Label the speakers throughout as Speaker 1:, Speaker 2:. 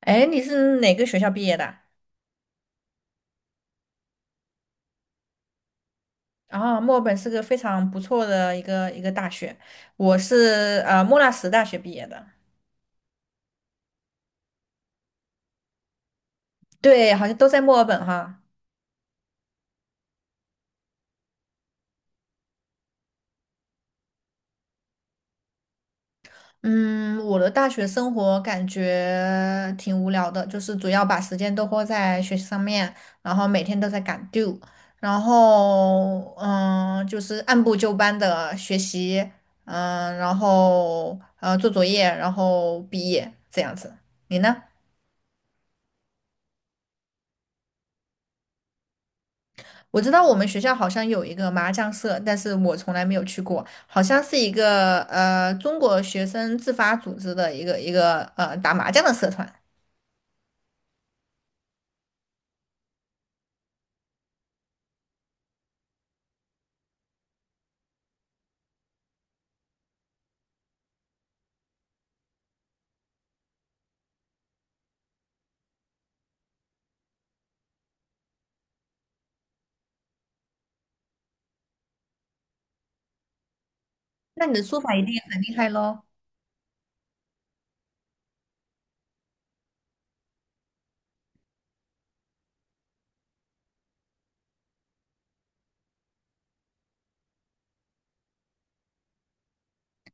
Speaker 1: 哎，你是哪个学校毕业的？啊，墨尔本是个非常不错的一个大学，我是莫纳什大学毕业的。对，好像都在墨尔本哈。嗯，我的大学生活感觉挺无聊的，就是主要把时间都花在学习上面，然后每天都在赶 due，然后就是按部就班的学习，然后做作业，然后毕业这样子。你呢？我知道我们学校好像有一个麻将社，但是我从来没有去过，好像是一个中国学生自发组织的一个打麻将的社团。那你的书法一定很厉害喽，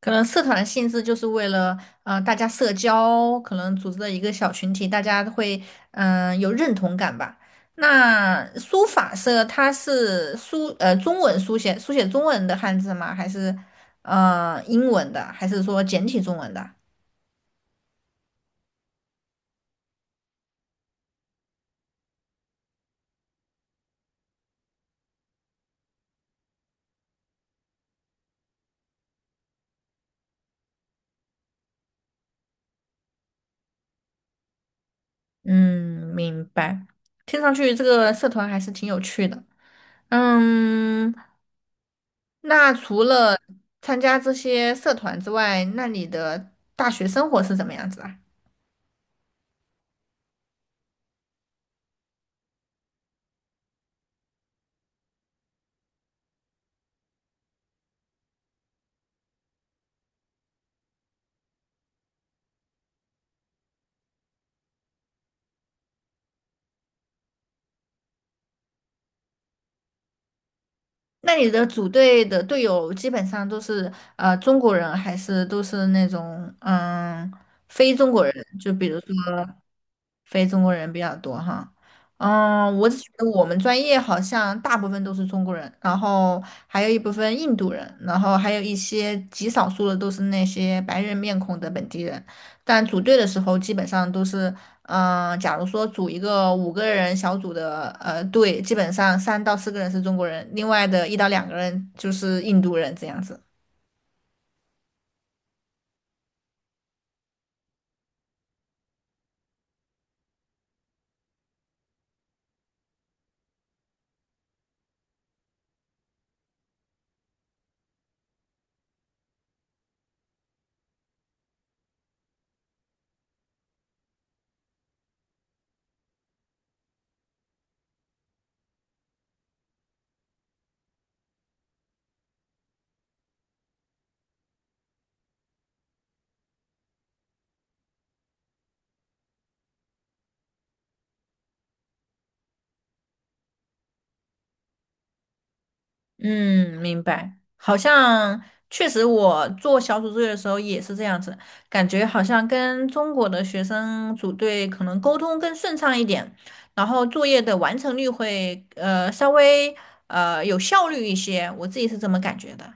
Speaker 1: 可能社团的性质就是为了大家社交，可能组织的一个小群体，大家会有认同感吧。那书法社它是中文书写中文的汉字吗？还是呃英文的？还是说简体中文的？嗯，明白。听上去这个社团还是挺有趣的。嗯，那除了参加这些社团之外，那你的大学生活是怎么样子啊？那你的组队的队友基本上都是中国人，还是都是那种非中国人？就比如说。非中国人比较多哈。嗯，我只觉得我们专业好像大部分都是中国人，然后还有一部分印度人，然后还有一些极少数的都是那些白人面孔的本地人。但组队的时候，基本上都是，嗯、假如说组一个五个人小组的队，基本上三到四个人是中国人，另外的一到两个人就是印度人这样子。嗯，明白。好像确实，我做小组作业的时候也是这样子，感觉好像跟中国的学生组队可能沟通更顺畅一点，然后作业的完成率会稍微有效率一些，我自己是这么感觉的。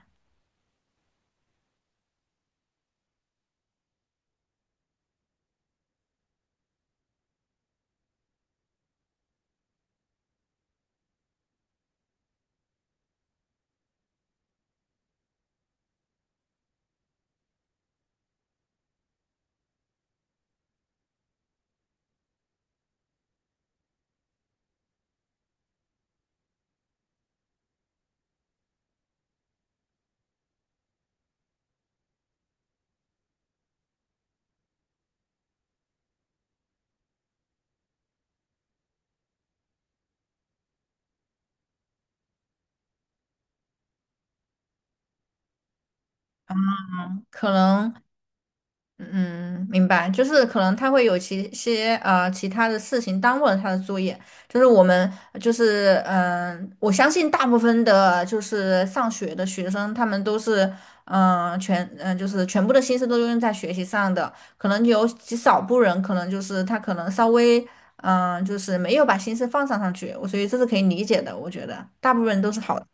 Speaker 1: 可能。嗯，明白，就是可能他会有其他的事情耽误了他的作业，就是我们我相信大部分的就是上学的学生，他们都是嗯、呃全嗯、呃就是全部的心思都用在学习上的，可能有极少部人可能就是他可能稍微就是没有把心思放上去，我所以这是可以理解的，我觉得大部分人都是好的，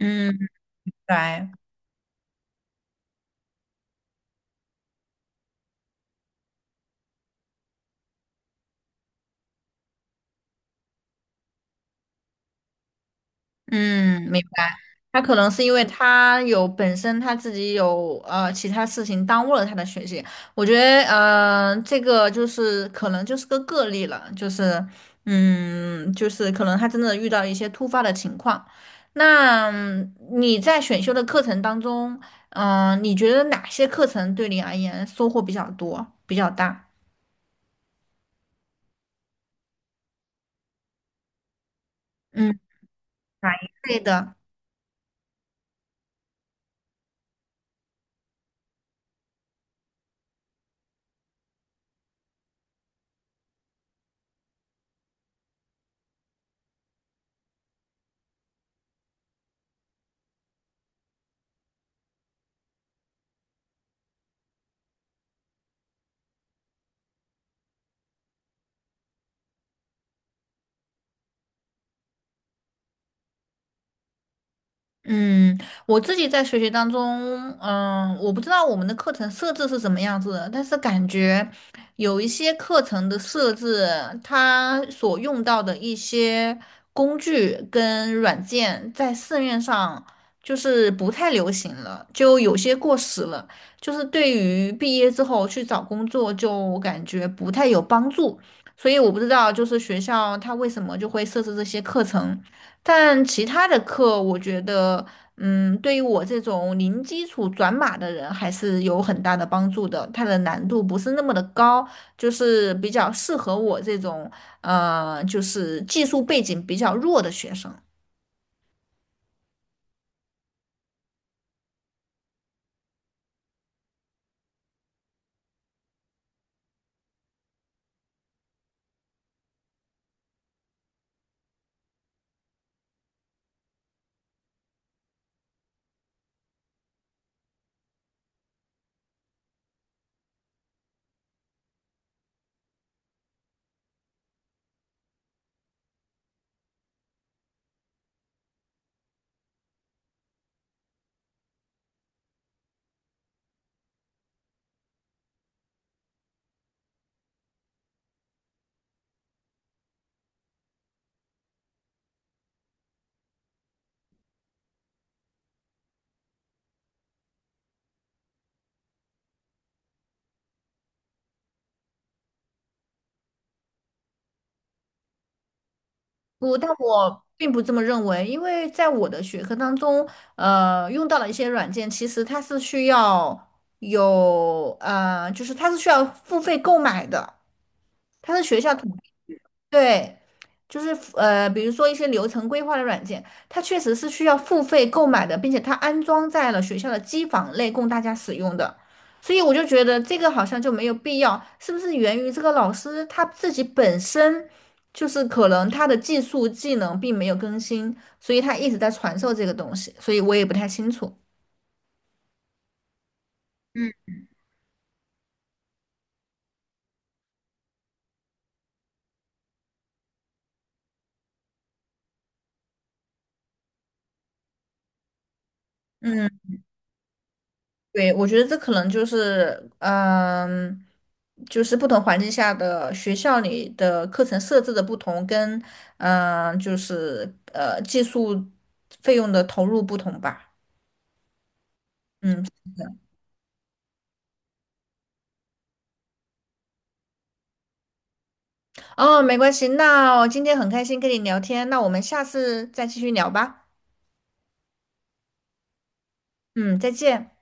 Speaker 1: 嗯。对。嗯，明白。他可能是因为他自己有其他事情耽误了他的学习。我觉得这个就是可能就是个个例了，就是就是可能他真的遇到一些突发的情况。那你在选修的课程当中，你觉得哪些课程对你而言收获比较多、比较大？嗯，哪一类的？嗯，我自己在学习当中，嗯，我不知道我们的课程设置是什么样子的，但是感觉有一些课程的设置，它所用到的一些工具跟软件，在市面上就是不太流行了，就有些过时了，就是对于毕业之后去找工作，就感觉不太有帮助。所以我不知道，就是学校它为什么就会设置这些课程。但其他的课，我觉得，嗯，对于我这种零基础转码的人，还是有很大的帮助的。它的难度不是那么的高，就是比较适合我这种，呃，就是技术背景比较弱的学生。我，但我并不这么认为，因为在我的学科当中，呃，用到了一些软件，其实它是需要就是它是需要付费购买的，它是学校统。对，就是比如说一些流程规划的软件，它确实是需要付费购买的，并且它安装在了学校的机房内供大家使用的，所以我就觉得这个好像就没有必要，是不是源于这个老师他自己本身就是可能他的技能并没有更新，所以他一直在传授这个东西，所以我也不太清楚。嗯。对，我觉得这可能就是，嗯，就是不同环境下的学校里的课程设置的不同，跟技术费用的投入不同吧。嗯，哦，没关系，那我今天很开心跟你聊天，那我们下次再继续聊吧。嗯，再见。